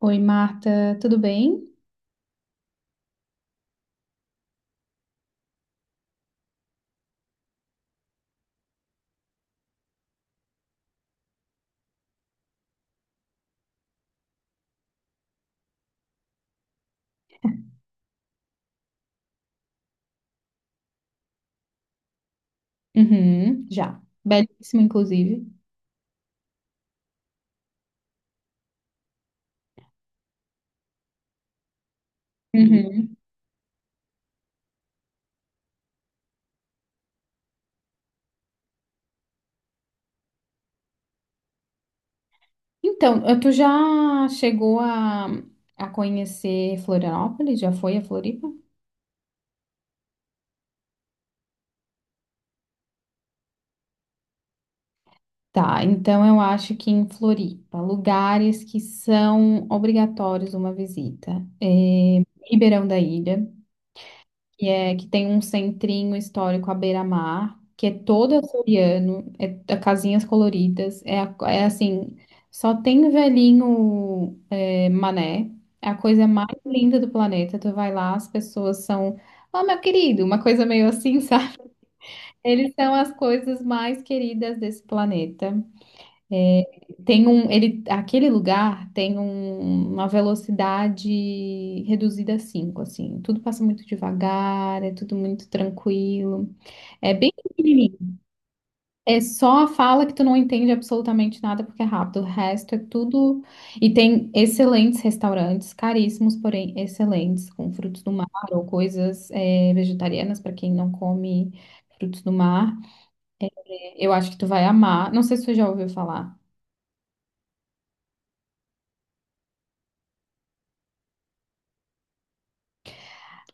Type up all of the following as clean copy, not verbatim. Oi, Marta, tudo bem? Uhum, já. Belíssimo, inclusive. Uhum. Então, tu já chegou a conhecer Florianópolis? Já foi a Floripa? Tá, então eu acho que em Floripa, lugares que são obrigatórios uma visita. É Ribeirão da Ilha. Que é que tem um centrinho histórico à beira-mar, que é todo açoriano, é casinhas coloridas, é, é assim, só tem velhinho, é mané, é a coisa mais linda do planeta. Tu vai lá, as pessoas são, ó, meu querido, uma coisa meio assim, sabe? Eles são as coisas mais queridas desse planeta. Tem um, ele, aquele lugar tem uma velocidade reduzida a 5, assim. Tudo passa muito devagar, é tudo muito tranquilo. É bem pequenininho. É só a fala que tu não entende absolutamente nada, porque é rápido. O resto é tudo. E tem excelentes restaurantes, caríssimos, porém excelentes, com frutos do mar ou coisas vegetarianas, para quem não come frutos do mar. Eu acho que tu vai amar. Não sei se tu já ouviu falar.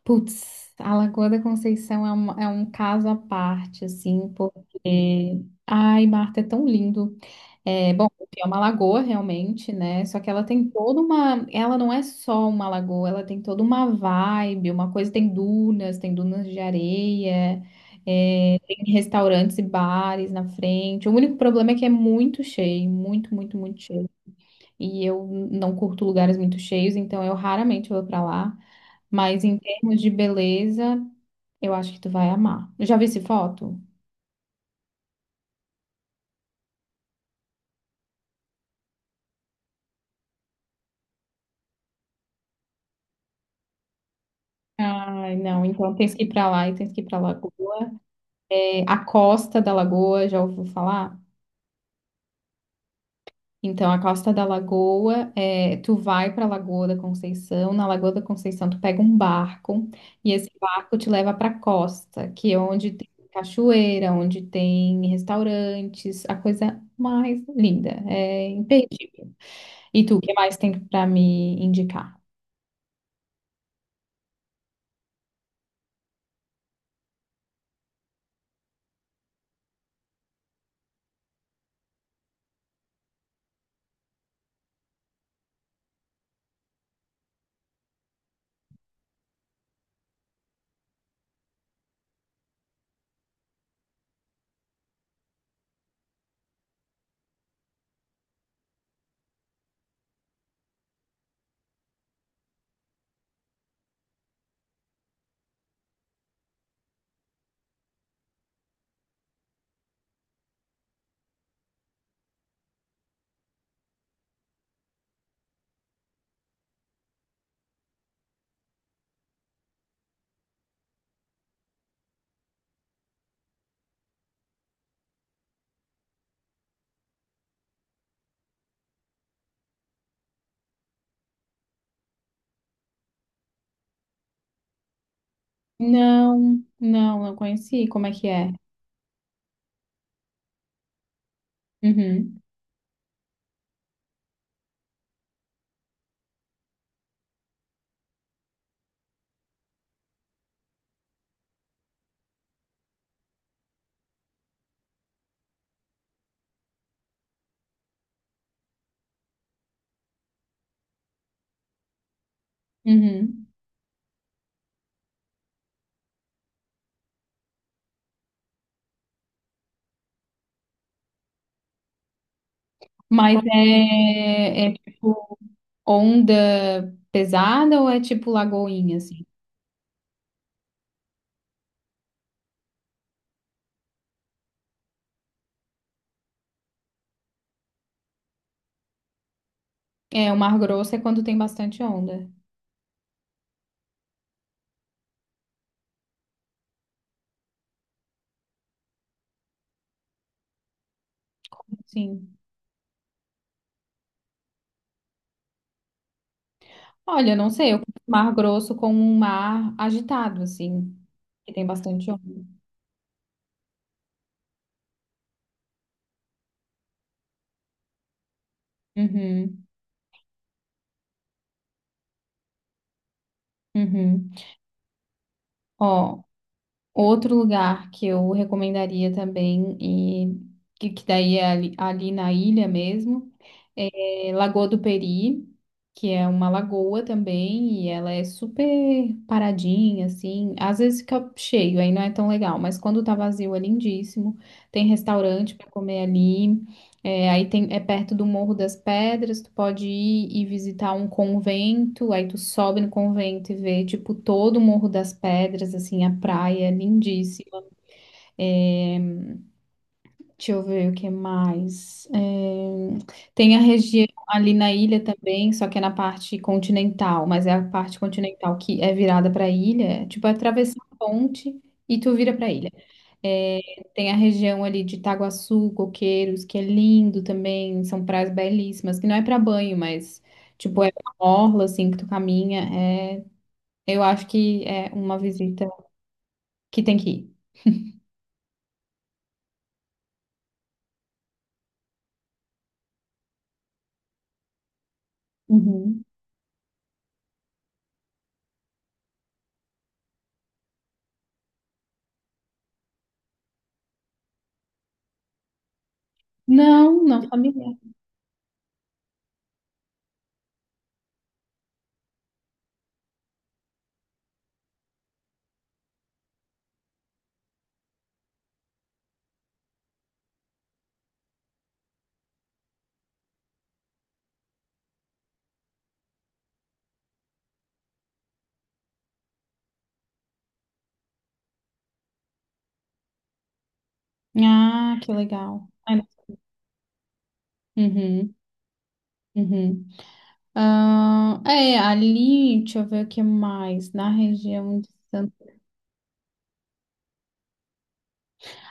Putz, a Lagoa da Conceição é, é um caso à parte, assim, porque. Ai, Marta, é tão lindo. É, bom, é uma lagoa realmente, né? Só que ela tem toda uma. Ela não é só uma lagoa, ela tem toda uma vibe, uma coisa. Tem dunas de areia, é, tem restaurantes e bares na frente. O único problema é que é muito cheio, muito, muito, muito cheio. E eu não curto lugares muito cheios, então eu raramente vou pra lá. Mas em termos de beleza, eu acho que tu vai amar. Já vi esse foto? Ai, não. Então tens que ir pra lá e tens que ir pra Lagoa. É, a Costa da Lagoa, já ouviu falar? Então, a Costa da Lagoa, é, tu vai pra Lagoa da Conceição. Na Lagoa da Conceição, tu pega um barco, e esse barco te leva pra costa, que é onde tem cachoeira, onde tem restaurantes, a coisa mais linda. É imperdível. E tu, o que mais tem pra me indicar? Não, não, não conheci. Como é que é? Uhum, uhum. Mas é, é tipo onda pesada ou é tipo lagoinha, assim? É, o Mar Grosso é quando tem bastante onda. Como assim? Olha, eu não sei, eu confundo Mar Grosso com um mar agitado, assim, que tem bastante onda. Uhum, uhum. Ó, outro lugar que eu recomendaria também, e que daí é ali na ilha mesmo. É, Lagoa do Peri, que é uma lagoa também, e ela é super paradinha, assim. Às vezes fica cheio, aí não é tão legal, mas quando tá vazio é lindíssimo. Tem restaurante para comer ali. É, aí tem, é perto do Morro das Pedras, tu pode ir e visitar um convento, aí tu sobe no convento e vê, tipo, todo o Morro das Pedras, assim, a praia, é lindíssimo. Deixa eu ver o que mais. Tem a região ali na ilha também, só que é na parte continental, mas é a parte continental que é virada para a ilha, é tipo atravessar a ponte e tu vira para a ilha. Eh, Tem a região ali de Itaguaçu, Coqueiros, que é lindo também, são praias belíssimas, que não é para banho, mas tipo é uma orla assim que tu caminha. É... Eu acho que é uma visita que tem que ir. Uhum. Não, não, família. Ah, que legal. Uhum, uhum. Ah, é, ali, deixa eu ver o que mais, na região de Santa...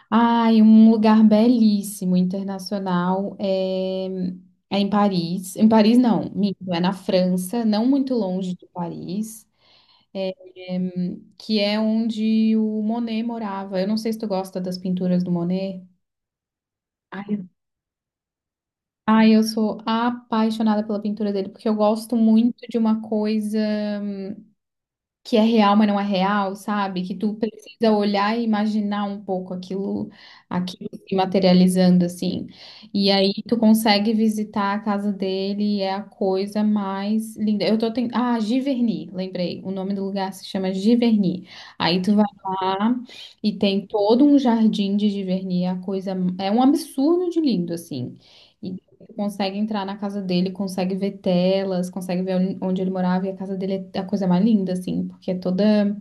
Ai, um lugar belíssimo, internacional, é, é em Paris. Em Paris, não, minto, é na França, não muito longe de Paris, é, é, que é onde o Monet morava. Eu não sei se tu gosta das pinturas do Monet. Ai, eu ai, eu sou apaixonada pela pintura dele, porque eu gosto muito de uma coisa... que é real, mas não é real, sabe? Que tu precisa olhar e imaginar um pouco aquilo, aquilo se materializando assim. E aí tu consegue visitar a casa dele e é a coisa mais linda. Eu tô tentando... Ah, Giverny, lembrei. O nome do lugar se chama Giverny. Aí tu vai lá e tem todo um jardim de Giverny, é a coisa, é um absurdo de lindo assim. Tu consegue entrar na casa dele, consegue ver telas, consegue ver onde ele morava, e a casa dele é a coisa mais linda, assim, porque é toda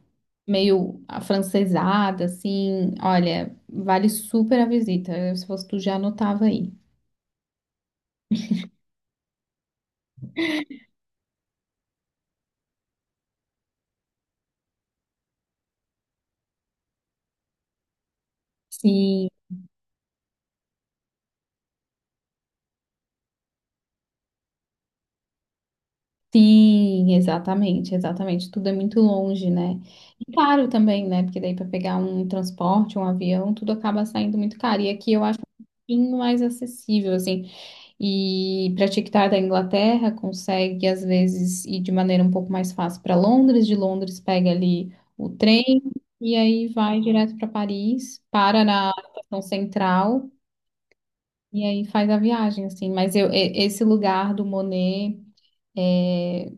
meio afrancesada, assim. Olha, vale super a visita. Eu, se fosse tu, já anotava aí. Sim, sim, exatamente, exatamente. Tudo é muito longe, né? E caro também, né? Porque daí para pegar um transporte, um avião, tudo acaba saindo muito caro. E aqui eu acho um pouquinho mais acessível, assim. E para TikTok da Inglaterra, consegue às vezes ir de maneira um pouco mais fácil para Londres, de Londres pega ali o trem e aí vai direto para Paris, para na estação central e aí faz a viagem assim. Mas eu, esse lugar do Monet eh,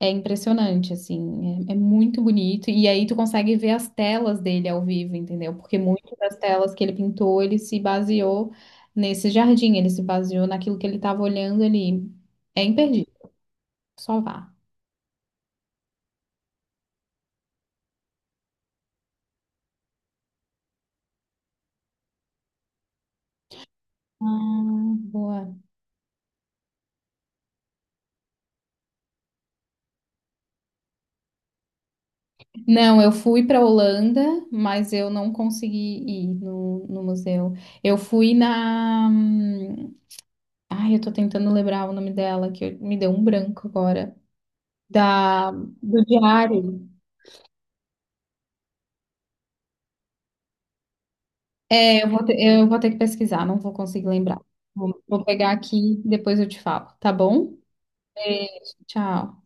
é impressionante, assim, é muito bonito. E aí tu consegue ver as telas dele ao vivo, entendeu? Porque muitas das telas que ele pintou, ele se baseou nesse jardim, ele se baseou naquilo que ele estava olhando ali. É imperdível, só vá. Ah, boa. Não, eu fui para Holanda, mas eu não consegui ir no, no museu. Eu fui na. Ai, eu tô tentando lembrar o nome dela, que me deu um branco agora. Da, do diário. É, eu vou ter que pesquisar, não vou conseguir lembrar. Vou, vou pegar aqui, depois eu te falo, tá bom? Beijo, tchau.